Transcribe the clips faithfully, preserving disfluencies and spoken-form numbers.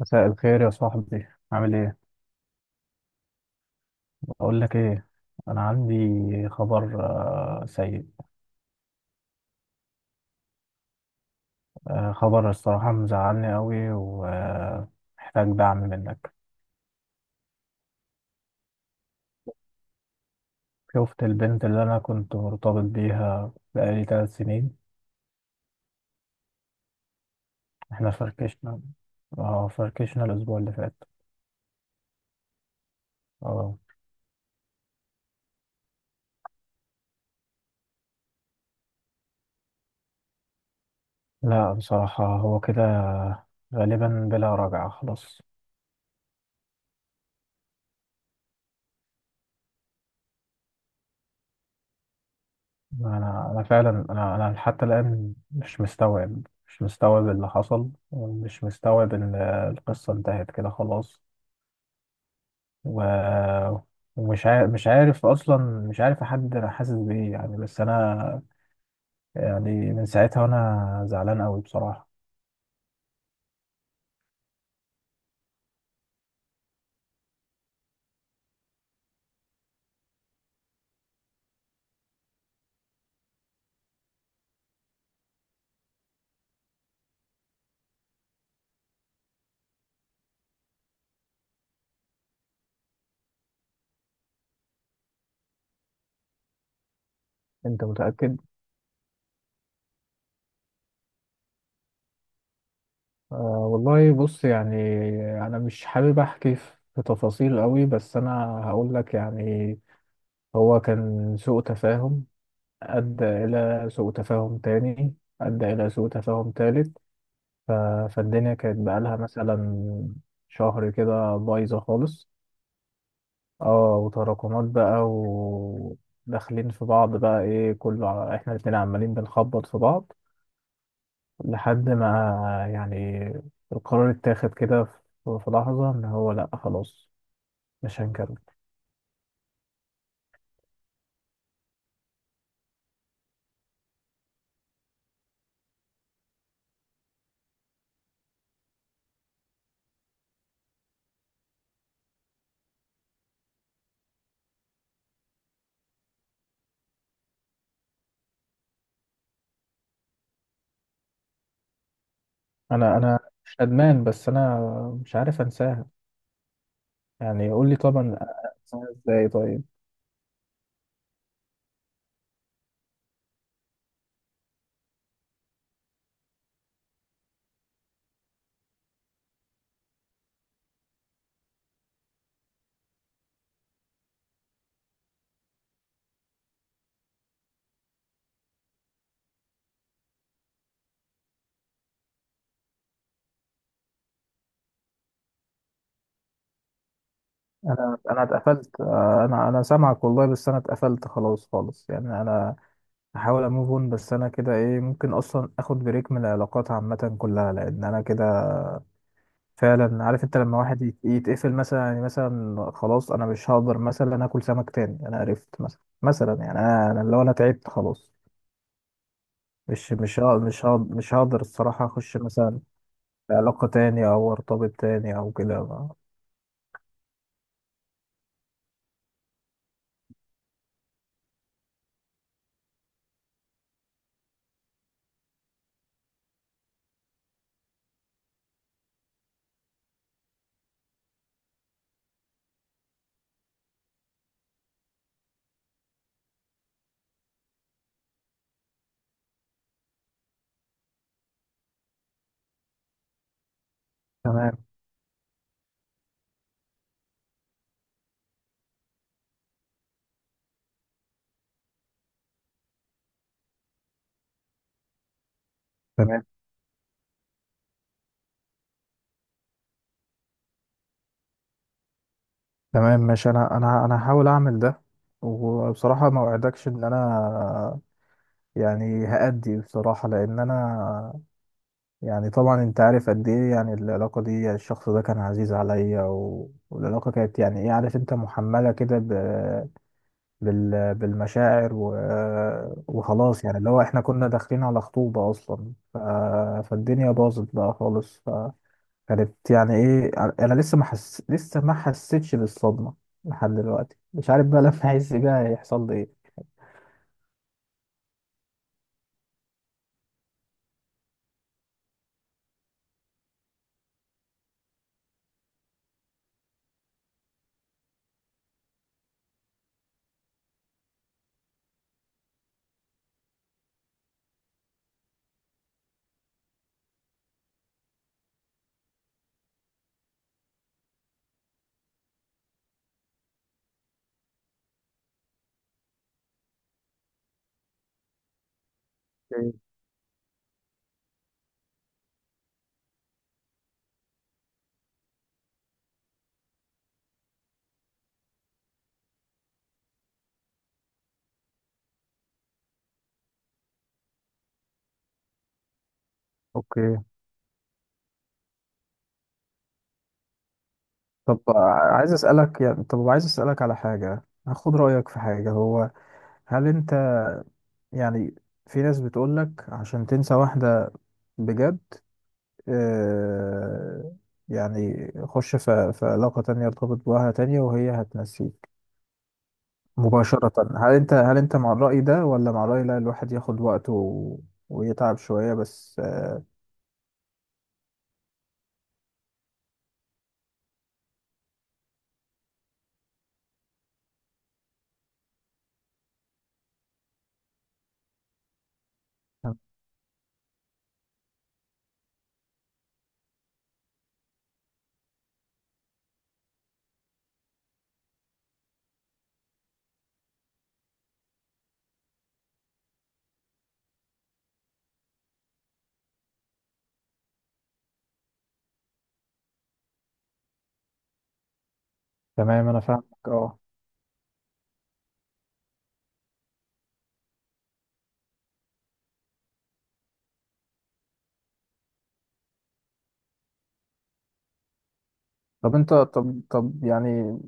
مساء الخير يا صاحبي، عامل ايه؟ بقول لك ايه، انا عندي خبر آه، سيء. آه، خبر الصراحة مزعلني قوي ومحتاج دعم منك. شفت البنت اللي انا كنت مرتبط بيها بقالي ثلاث سنين. احنا فركشنا، اه فركشنا الاسبوع اللي فات. اه، لا بصراحة هو كده، غالبا بلا رجعة خلاص. انا انا فعلا، انا انا حتى الان مش مستوعب مش مستوعب اللي حصل، ومش مستوعب ان القصه انتهت كده خلاص. و... ومش عارف مش عارف اصلا، مش عارف احدد انا حاسس بايه يعني، بس انا يعني من ساعتها وانا زعلان قوي بصراحه. انت متأكد؟ آه والله، بص يعني انا مش حابب احكي في في تفاصيل قوي، بس انا هقول لك يعني، هو كان سوء تفاهم أدى إلى سوء تفاهم تاني، أدى إلى سوء تفاهم تالت. ف... فالدنيا كانت بقالها مثلا شهر كده بايظة خالص. اه وتراكمات بقى، وداخلين في بعض بقى، ايه كل ع- احنا الاتنين عمالين بنخبط في بعض، لحد ما يعني القرار اتاخد كده، في في لحظة ان هو لأ خلاص مش هنكمل. انا انا مش ندمان، بس انا مش عارف انساها، يعني قول لي طبعا انساها ازاي طيب. انا انا اتقفلت، آه، انا انا سامعك والله، بس انا اتقفلت خلاص خالص، يعني انا هحاول اموف اون، بس انا كده ايه ممكن اصلا اخد بريك من العلاقات عامه كلها، لان انا كده فعلا عارف انت لما واحد يت- يتقفل مثلا، يعني مثلا خلاص انا مش هقدر مثلا اكل سمك تاني، انا عرفت مثلا، مثلا يعني، انا انا لو انا تعبت خلاص. مش مش هق- مش هق- مش هقدر الصراحه اخش مثلا علاقه تاني او ارتبط تاني او كده. تمام. تمام تمام ماشي، انا انا انا هحاول اعمل ده. وبصراحه ما اوعدكش ان انا يعني هأدي بصراحه، لان انا يعني طبعا انت عارف قد ايه يعني العلاقه دي، يعني الشخص ده كان عزيز عليا و... والعلاقه كانت يعني ايه، عارف انت محمله كده ب... بال... بالمشاعر و... وخلاص يعني اللي هو احنا كنا داخلين على خطوبه اصلا. ف... فالدنيا باظت بقى خالص، كانت يعني ايه، انا لسه ما حس... لسه ما حسيتش بالصدمه لحد دلوقتي، مش عارف بقى لما احس بيها هيحصل لي ايه. اوكي. اوكي، طب عايز اسالك، يعني طب عايز اسالك على حاجه، هاخد رايك في حاجه. هو، هل انت، يعني في ناس بتقولك عشان تنسى واحده بجد، آه يعني خش في في علاقه تانية، ارتبط بواحده تانية وهي هتنسيك مباشرة. هل انت هل انت مع الرأي ده، ولا مع الرأي لا الواحد ياخد وقته و... ويتعب شوية؟ بس آه، تمام انا فاهمك اه. طب انت، طب طب يعني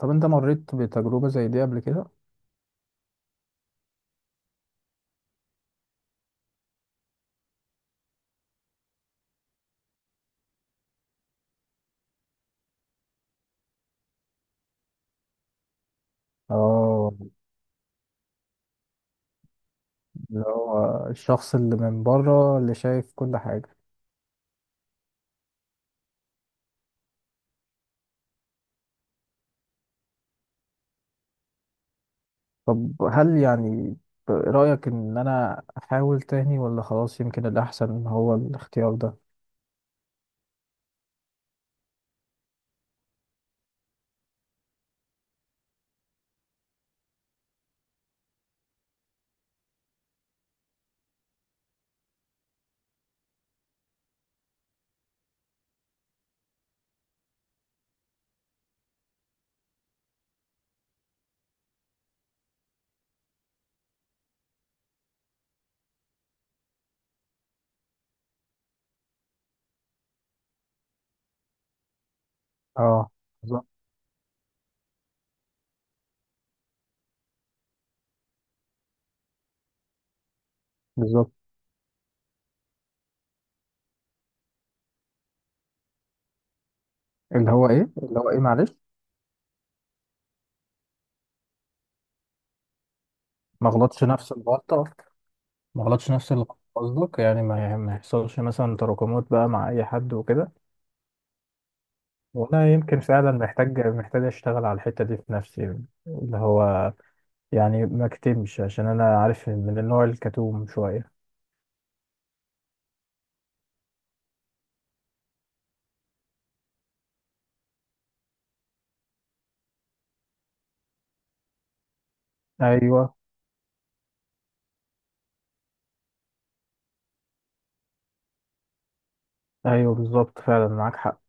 طب انت مريت بتجربة زي دي قبل كده؟ اه، اللي هو الشخص اللي من بره، اللي شايف كل حاجة. طب هل يعني رأيك ان انا احاول تاني، ولا خلاص يمكن الاحسن هو الاختيار ده؟ اه بالظبط. بالظبط. اللي هو ايه؟ اللي هو ايه معلش، ما غلطش نفس الغلطة، ما غلطش نفس اللي كنت قصدك، يعني ما ما يحصلش مثلا تراكمات بقى مع اي حد وكده. وانا يمكن فعلا محتاج محتاج اشتغل على الحته دي في نفسي، اللي هو يعني ما اكتمش، عشان انا عارف من النوع الكتوم شويه. ايوه. ايوه بالظبط فعلا معاك حق.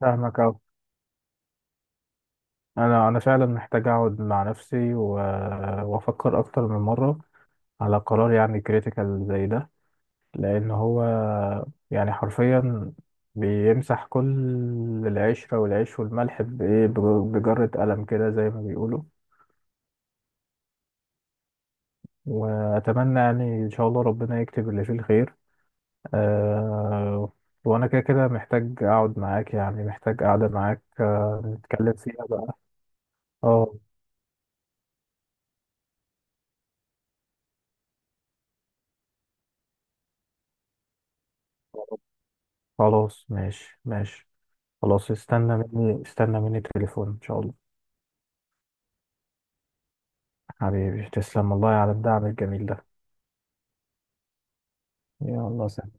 فاهمك اوي. انا انا فعلا محتاج اقعد مع نفسي و- وافكر اكتر من مره على قرار يعني كريتيكال زي ده، لأن هو يعني حرفيا بيمسح كل العشرة والعيش والملح بإيه، بج- بجرة قلم كده زي ما بيقولوا. وأتمنى يعني إن شاء الله ربنا يكتب اللي فيه الخير. أه، وأنا كده كده محتاج أقعد معاك، يعني محتاج قعدة معاك أه نتكلم فيها بقى. اه خلاص ماشي ماشي. خلاص استنى مني استنى مني تليفون إن شاء الله. حبيبي تسلم والله على الدعم الجميل ده. يلا سلام.